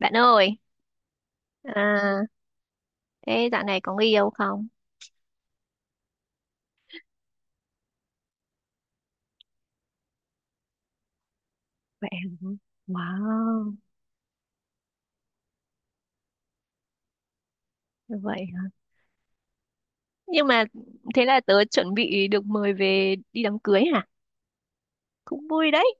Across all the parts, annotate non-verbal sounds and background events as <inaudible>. Bạn ơi, à, thế dạo này có người yêu không? Vậy hả? Wow, như vậy hả? Nhưng mà thế là tớ chuẩn bị được mời về đi đám cưới hả? Cũng vui đấy.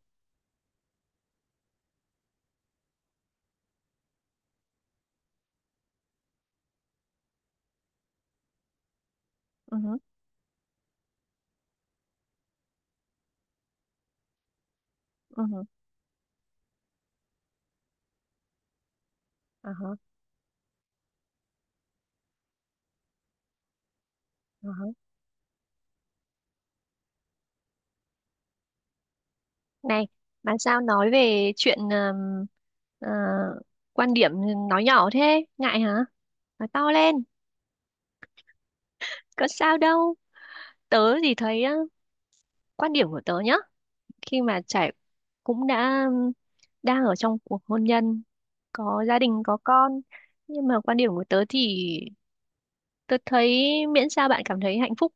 Ừ hứ. Ừ hứ. Ờ hả, ờ hả. Này, mà sao nói về chuyện ờ, quan điểm nói nhỏ thế? Ngại hả? Nói to lên, có sao đâu. Tớ thì thấy quan điểm của tớ nhá. Khi mà trải cũng đã đang ở trong cuộc hôn nhân, có gia đình, có con, nhưng mà quan điểm của tớ thì tớ thấy miễn sao bạn cảm thấy hạnh phúc,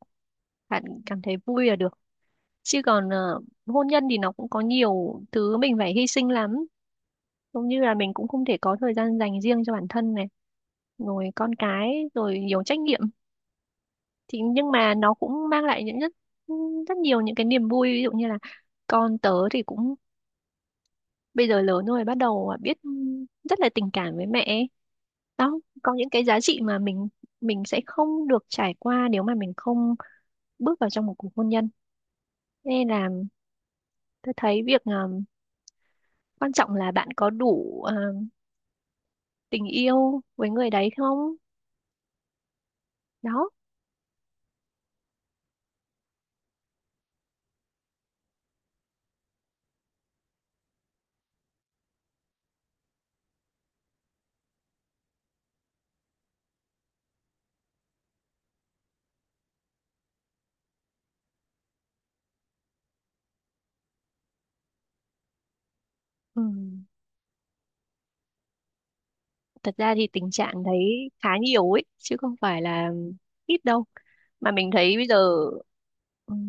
bạn cảm thấy vui là được, chứ còn hôn nhân thì nó cũng có nhiều thứ mình phải hy sinh lắm, giống như là mình cũng không thể có thời gian dành riêng cho bản thân này, rồi con cái, rồi nhiều trách nhiệm, thì nhưng mà nó cũng mang lại những rất rất nhiều những cái niềm vui, ví dụ như là con tớ thì cũng bây giờ lớn rồi, bắt đầu biết rất là tình cảm với mẹ ấy. Đó, có những cái giá trị mà mình sẽ không được trải qua nếu mà mình không bước vào trong một cuộc hôn nhân, nên là tôi thấy việc quan trọng là bạn có đủ tình yêu với người đấy không, đó. Ừm, thật ra thì tình trạng đấy khá nhiều ấy chứ không phải là ít đâu, mà mình thấy bây giờ ừm,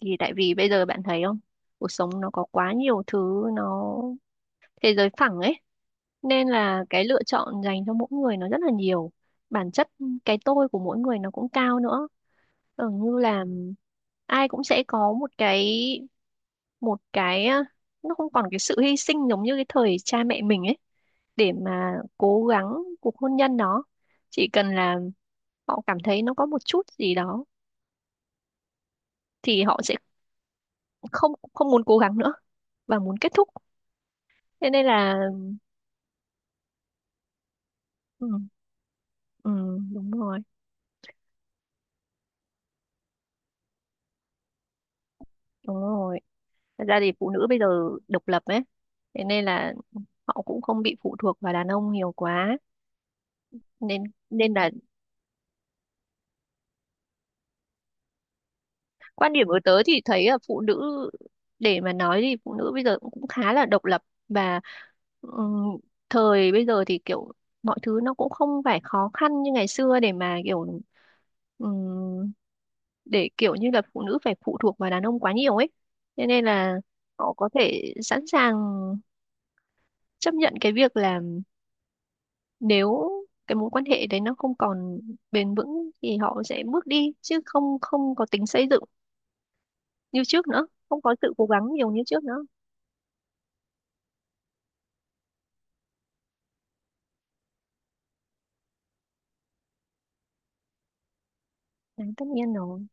thì tại vì bây giờ bạn thấy không, cuộc sống nó có quá nhiều thứ, nó thế giới phẳng ấy, nên là cái lựa chọn dành cho mỗi người nó rất là nhiều. Bản chất cái tôi của mỗi người nó cũng cao nữa, ở như là ai cũng sẽ có một cái, nó không còn cái sự hy sinh giống như cái thời cha mẹ mình ấy, để mà cố gắng cuộc hôn nhân đó. Chỉ cần là họ cảm thấy nó có một chút gì đó thì họ sẽ không không muốn cố gắng nữa và muốn kết thúc, thế nên là. Ừ, ừ, đúng rồi, đúng rồi. Thật ra thì phụ nữ bây giờ độc lập ấy, thế nên là họ cũng không bị phụ thuộc vào đàn ông nhiều quá. Nên nên là quan điểm của tớ thì thấy là phụ nữ, để mà nói thì phụ nữ bây giờ cũng cũng khá là độc lập, và ừm, thời bây giờ thì kiểu mọi thứ nó cũng không phải khó khăn như ngày xưa để mà kiểu ừm, để kiểu như là phụ nữ phải phụ thuộc vào đàn ông quá nhiều ấy. Thế nên là họ có thể sẵn sàng chấp nhận cái việc là nếu cái mối quan hệ đấy nó không còn bền vững thì họ sẽ bước đi, chứ không không có tính xây dựng như trước nữa, không có sự cố gắng nhiều như trước nữa. Đấy, tất nhiên rồi,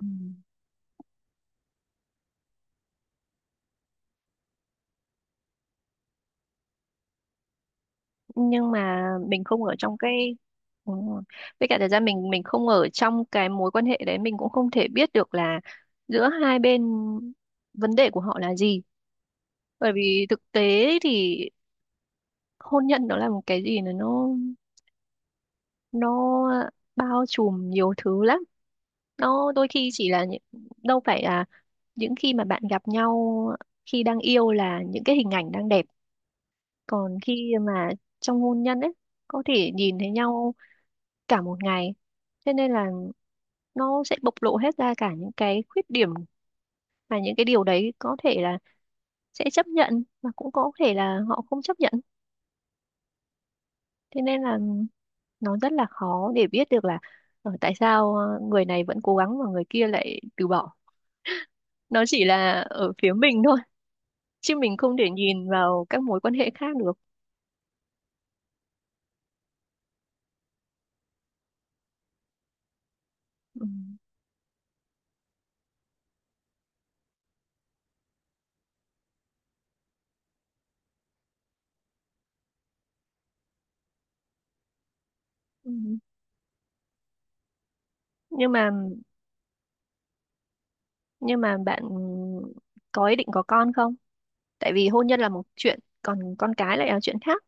ừ. Nhưng mà mình không ở trong cái. Ừ. Với cả thời gian mình không ở trong cái mối quan hệ đấy, mình cũng không thể biết được là giữa hai bên vấn đề của họ là gì, bởi vì thực tế thì hôn nhân nó là một cái gì, nó bao trùm nhiều thứ lắm. Nó đôi khi chỉ là, đâu phải là những khi mà bạn gặp nhau, khi đang yêu là những cái hình ảnh đang đẹp, còn khi mà trong hôn nhân ấy có thể nhìn thấy nhau cả một ngày, thế nên là nó sẽ bộc lộ hết ra cả những cái khuyết điểm, mà những cái điều đấy có thể là sẽ chấp nhận mà cũng có thể là họ không chấp nhận, thế nên là nó rất là khó để biết được là tại sao người này vẫn cố gắng mà người kia lại từ bỏ, nó chỉ là ở phía mình thôi, chứ mình không thể nhìn vào các mối quan hệ khác được. Ừ. Ừ. nhưng mà nhưng mà bạn có ý định có con không? Tại vì hôn nhân là một chuyện, còn con cái lại là chuyện khác.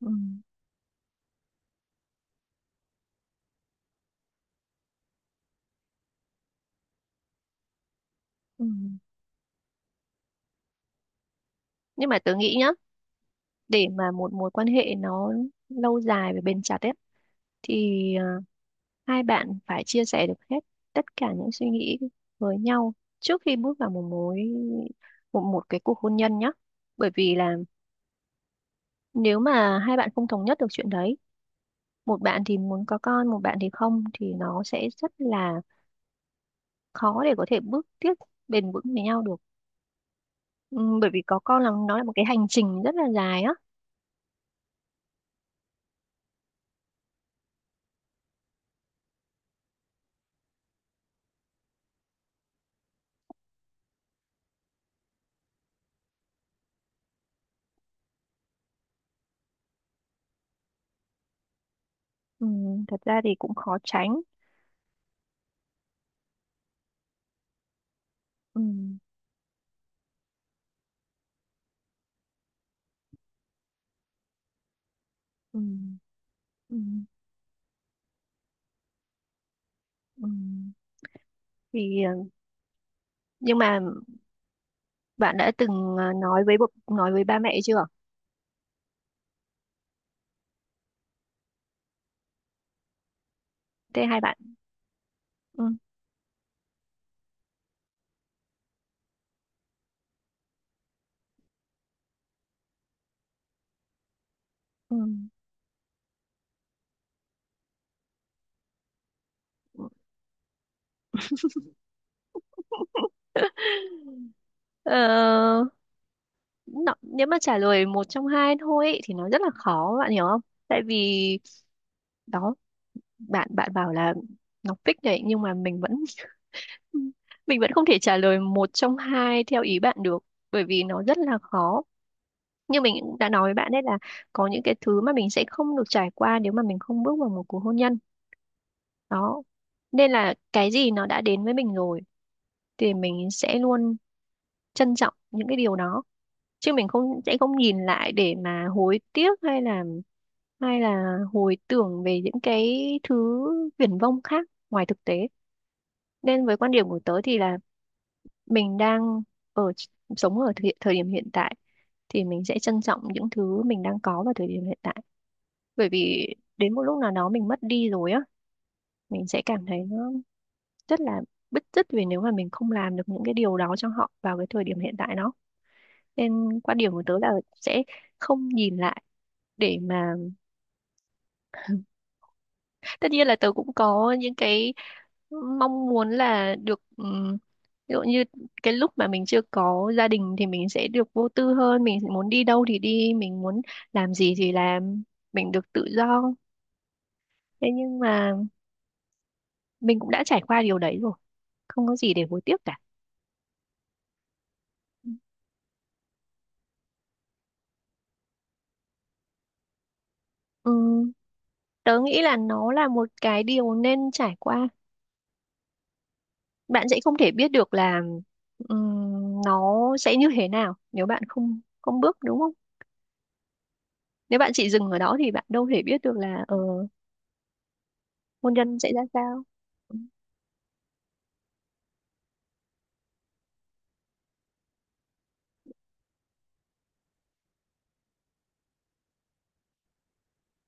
Ừ. Ừ. Nhưng mà tớ nghĩ nhá, để mà một mối quan hệ nó lâu dài và bền chặt ấy, thì hai bạn phải chia sẻ được hết tất cả những suy nghĩ với nhau trước khi bước vào một mối một cái cuộc hôn nhân nhé. Bởi vì là nếu mà hai bạn không thống nhất được chuyện đấy, một bạn thì muốn có con, một bạn thì không, thì nó sẽ rất là khó để có thể bước tiếp bền vững với nhau được. Bởi vì có con là nó là một cái hành trình rất là dài á. Thật ra thì cũng khó tránh. Ừm. Ừm. Ừm. Ừm. Thì nhưng mà bạn đã từng nói với bố, nói với ba mẹ chưa? Thế hai bạn. Ừ. Ừ. <laughs> Ờ, nó, nếu mà trả lời một trong hai thôi ý, thì nó rất là khó bạn hiểu không? Tại vì đó, bạn bạn bảo là nó fix đấy, nhưng mà mình vẫn <laughs> mình vẫn không thể trả lời một trong hai theo ý bạn được, bởi vì nó rất là khó. Như mình cũng đã nói với bạn đấy là có những cái thứ mà mình sẽ không được trải qua nếu mà mình không bước vào một cuộc hôn nhân. Đó. Nên là cái gì nó đã đến với mình rồi thì mình sẽ luôn trân trọng những cái điều đó, chứ mình không sẽ không nhìn lại để mà hối tiếc, hay là hồi tưởng về những cái thứ viển vông khác ngoài thực tế, nên với quan điểm của tớ thì là mình đang ở sống ở thời điểm hiện tại, thì mình sẽ trân trọng những thứ mình đang có vào thời điểm hiện tại, bởi vì đến một lúc nào đó mình mất đi rồi á, mình sẽ cảm thấy nó rất là bứt rứt vì nếu mà mình không làm được những cái điều đó cho họ vào cái thời điểm hiện tại đó, nên quan điểm của tớ là sẽ không nhìn lại để mà, tất nhiên là tớ cũng có những cái mong muốn là được ví dụ như cái lúc mà mình chưa có gia đình thì mình sẽ được vô tư hơn, mình muốn đi đâu thì đi, mình muốn làm gì thì làm, mình được tự do, thế nhưng mà mình cũng đã trải qua điều đấy rồi, không có gì để hối tiếc cả. Ừm, tớ nghĩ là nó là một cái điều nên trải qua, bạn sẽ không thể biết được là nó sẽ như thế nào nếu bạn không không bước đúng không, nếu bạn chỉ dừng ở đó thì bạn đâu thể biết được là hôn nhân sẽ ra sao. Ừ.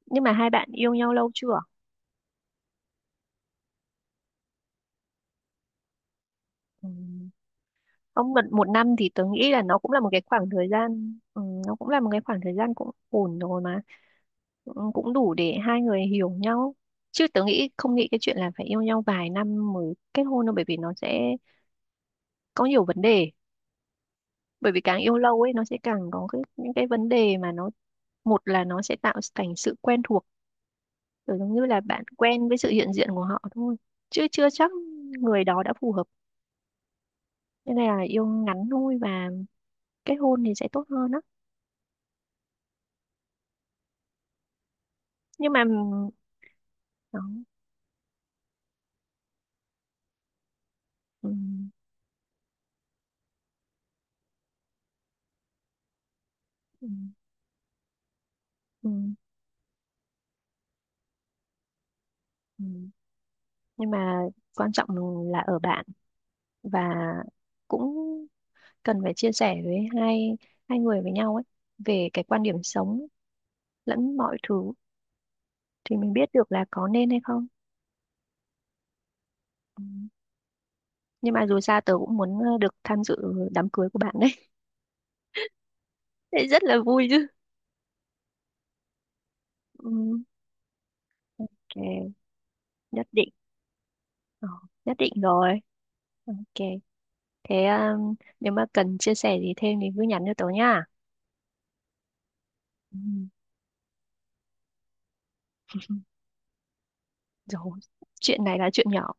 Nhưng mà hai bạn yêu nhau lâu chưa? Ừm, không, một năm thì tớ nghĩ là nó cũng là một cái khoảng thời gian, nó cũng là một cái khoảng thời gian cũng ổn rồi mà. Cũng đủ để hai người hiểu nhau, chứ tớ nghĩ không nghĩ cái chuyện là phải yêu nhau vài năm mới kết hôn đâu, bởi vì nó sẽ có nhiều vấn đề, bởi vì càng yêu lâu ấy nó sẽ càng có những cái vấn đề mà nó, một là nó sẽ tạo thành sự quen thuộc, kiểu giống như là bạn quen với sự hiện diện của họ thôi, chứ chưa chắc người đó đã phù hợp, nên là yêu ngắn thôi và kết hôn thì sẽ tốt hơn á. Nhưng mà đó. Ừm. Ừm. Ừm. Ừm. Nhưng mà quan trọng là ở bạn và cũng cần phải chia sẻ với hai hai người với nhau ấy về cái quan điểm sống lẫn mọi thứ, thì mình biết được là có nên hay không. Ừ. Nhưng mà dù sao tớ cũng muốn được tham dự đám cưới của bạn đấy. <laughs> Đấy rất là vui chứ. Ừ, ok, nhất định. Ờ, nhất định rồi. Ok. Thế nếu mà cần chia sẻ gì thêm thì cứ nhắn cho tớ nha. Ừ, rồi, chuyện này là chuyện nhỏ.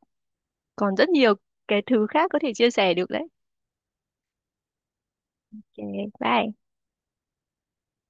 Còn rất nhiều cái thứ khác có thể chia sẻ được đấy. Ok, bye.